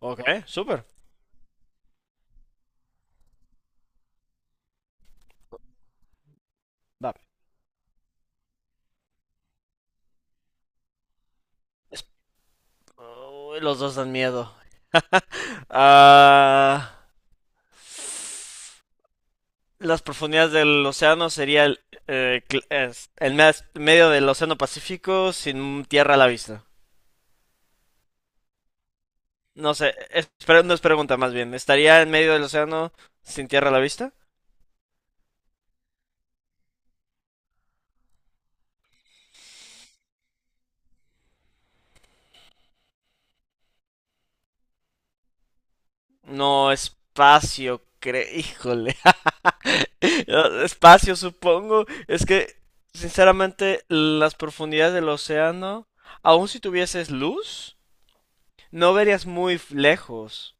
Ok, súper. Dale. Es- Uy, los dos dan miedo. Ah, las profundidades del océano sería el medio del océano Pacífico sin tierra a la vista. No sé, es, pero no es pregunta más bien. ¿Estaría en medio del océano sin tierra a la vista? No, espacio, cre... Híjole. No, espacio, supongo. Es que, sinceramente, las profundidades del océano, aun si tuvieses luz, no verías muy lejos.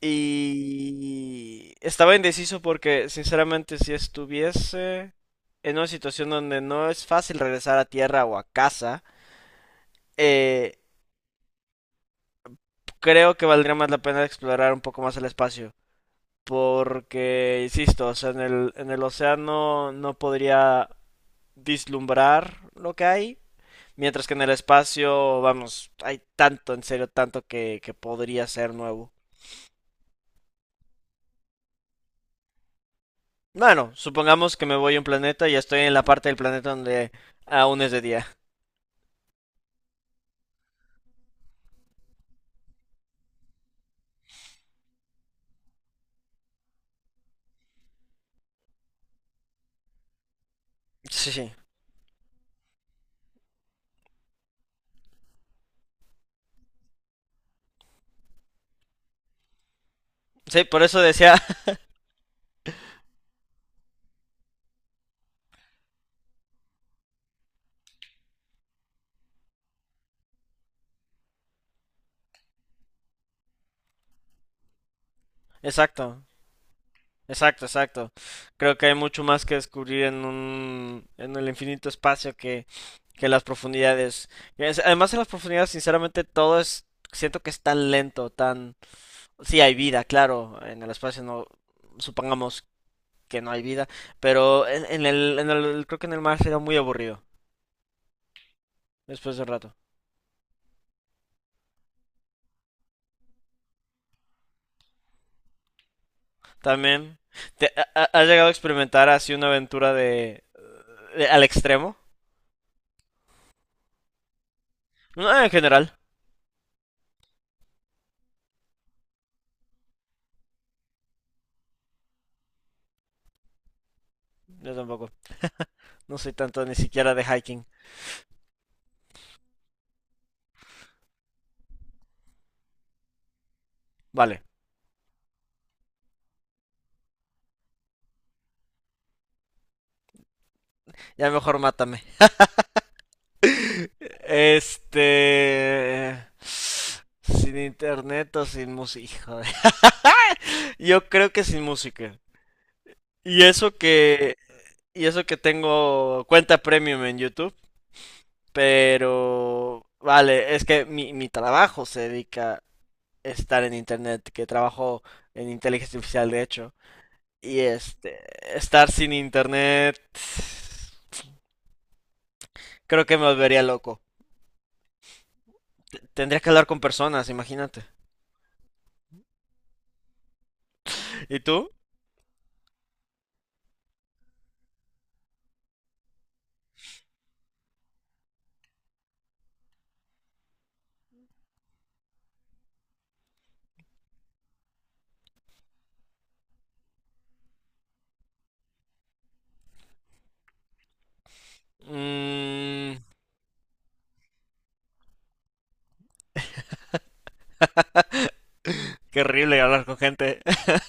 Y estaba indeciso porque, sinceramente, si estuviese en una situación donde no es fácil regresar a tierra o a casa, eh, creo que valdría más la pena explorar un poco más el espacio. Porque, insisto, o sea, en el océano no podría vislumbrar lo que hay. Mientras que en el espacio, vamos, hay tanto, en serio, tanto que podría ser nuevo. Bueno, supongamos que me voy a un planeta y estoy en la parte del planeta donde aún es de día. Sí, sí. Sí, por eso decía. Exacto, exacto, exacto. Creo que hay mucho más que descubrir en el infinito espacio que las profundidades. Además, en las profundidades, sinceramente, todo es. Siento que es tan lento, tan. Sí, hay vida, claro. En el espacio no. Supongamos que no hay vida. Pero en el, en el. Creo que en el mar será muy aburrido. Después de un rato. También. ¿Has llegado a experimentar así una aventura de, al extremo? No, en general. Yo tampoco. No soy tanto ni siquiera de hiking. Vale, ya mejor mátame. Sin internet o sin música. Hijo de- Yo creo que sin música. Y eso que... Y eso que tengo cuenta premium en YouTube. Pero... Vale, es que mi trabajo se dedica estar en internet, que trabajo en inteligencia artificial de hecho, y este, estar sin internet, creo que me volvería loco. Tendría que hablar con personas, imagínate. ¿Y tú? Mm, qué horrible hablar con gente.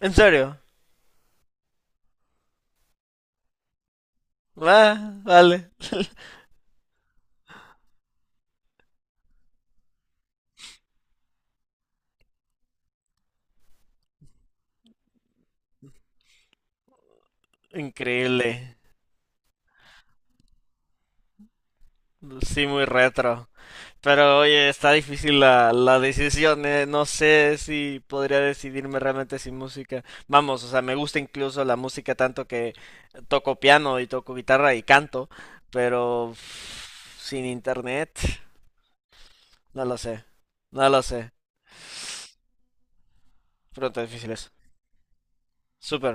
¿En serio? Va, vale. Increíble. Sí, muy retro. Pero oye, está difícil la decisión, eh. No sé si podría decidirme realmente sin música. Vamos, o sea, me gusta incluso la música tanto que toco piano y toco guitarra y canto, pero uf, sin internet, no lo sé, no lo sé. Preguntas difíciles. Súper.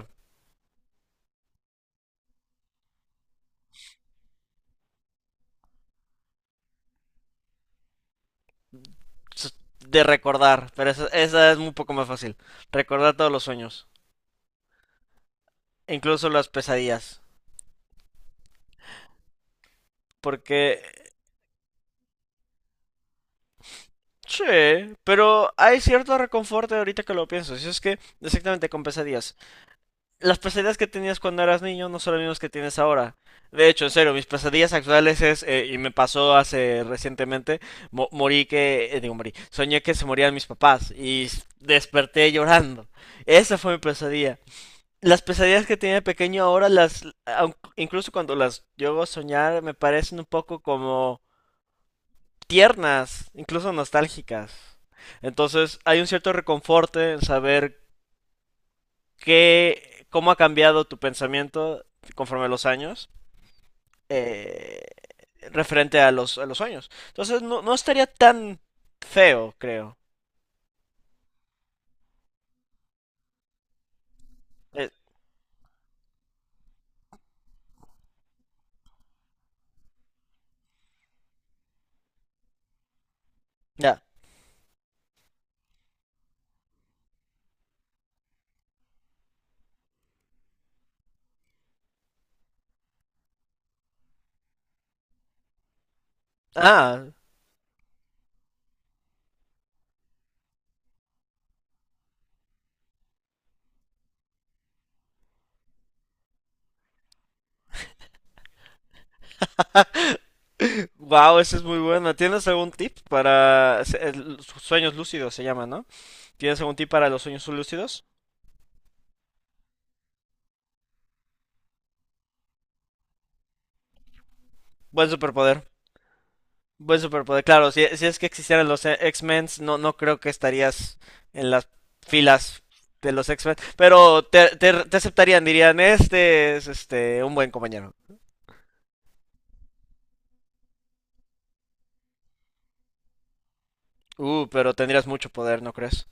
S- De recordar, pero esa es un poco más fácil. Recordar todos los sueños, incluso las pesadillas, porque sí, pero hay cierto reconforte ahorita que lo pienso. Si es que, exactamente, con pesadillas. Las pesadillas que tenías cuando eras niño no son las mismas que tienes ahora. De hecho, en serio, mis pesadillas actuales es, y me pasó hace recientemente, morí que, digo, morí, soñé que se morían mis papás y desperté llorando. Esa fue mi pesadilla. Las pesadillas que tenía de pequeño ahora, incluso cuando las llego a soñar, me parecen un poco como tiernas, incluso nostálgicas. Entonces hay un cierto reconforte en saber qué, cómo ha cambiado tu pensamiento conforme a los años, eh, referente a a los sueños. Entonces no, no estaría tan feo, creo. Eh, ya. Ah. Wow, esa es muy buena. ¿Tienes algún tip para sueños lúcidos se llama, ¿no? ¿Tienes algún tip para los sueños lúcidos? Buen superpoder. Buen superpoder, claro, si, si es que existieran los X-Men, no, no creo que estarías en las filas de los X-Men, pero te, te aceptarían, dirían, este es este un buen compañero. Pero tendrías mucho poder, ¿no crees?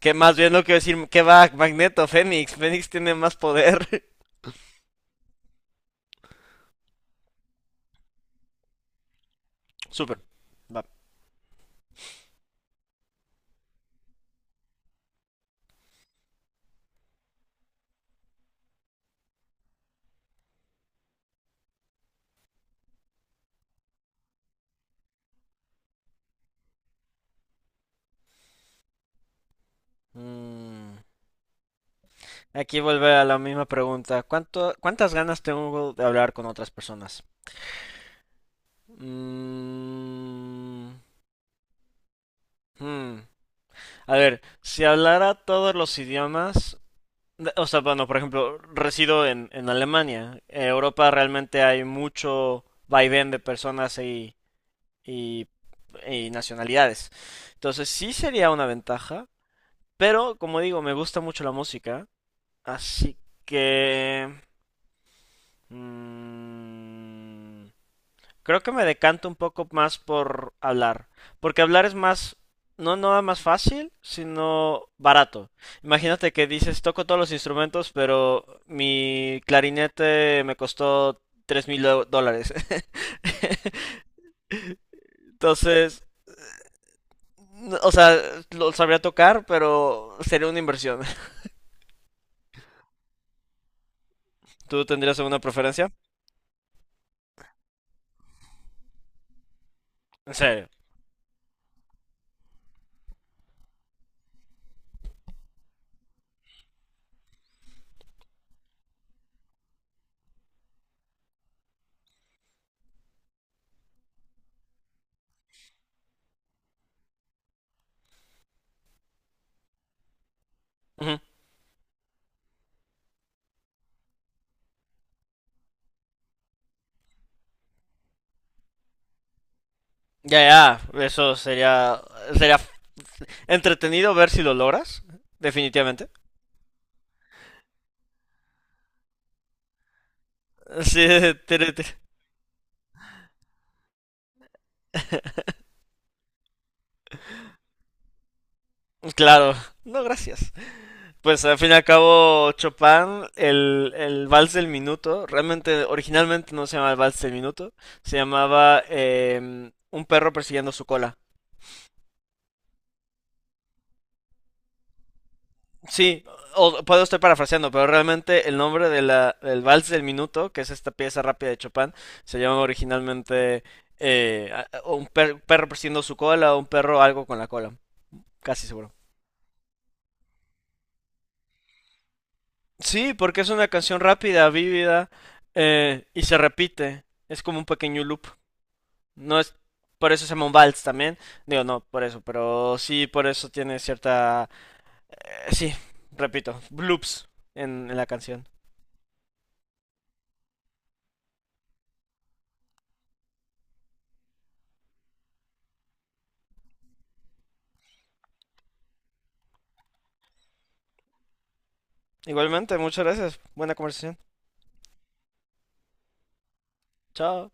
Que más bien lo que decir, que va, Magneto, Fénix, Fénix tiene más poder. Super, va. Mm, Aquí vuelve a la misma pregunta, ¿cuánto, cuántas ganas tengo de hablar con otras personas? Mm, hmm. A ver, si hablara todos los idiomas, o sea, bueno, por ejemplo, resido en Alemania. En Europa realmente hay mucho vaivén de personas y, y nacionalidades. Entonces sí sería una ventaja, pero como digo, me gusta mucho la música, así que... mm, creo que me decanto un poco más por hablar, porque hablar es más, no nada más fácil, sino barato. Imagínate que dices, toco todos los instrumentos, pero mi clarinete me costó $3.000. Entonces, o sea, lo sabría tocar, pero sería una inversión. ¿Tú tendrías alguna preferencia? En serio. Ujú. Ya, ya, eso sería, sería entretenido ver si lo logras, definitivamente. Sí, te- te- claro, no, gracias. Pues al fin y al cabo, Chopin, el vals del minuto, realmente originalmente no se llamaba el vals del minuto, se llamaba em, un perro persiguiendo su cola. Sí, o, puedo estar parafraseando, pero realmente el nombre de del vals del minuto, que es esta pieza rápida de Chopin, se llama originalmente un perro persiguiendo su cola o un perro algo con la cola, casi seguro. Sí, porque es una canción rápida, vívida, y se repite. Es como un pequeño loop. No es, por eso se llama un vals también. Digo, no, por eso, pero sí, por eso tiene cierta... sí, repito, loops en la canción. Igualmente, muchas gracias. Buena conversación. Chao.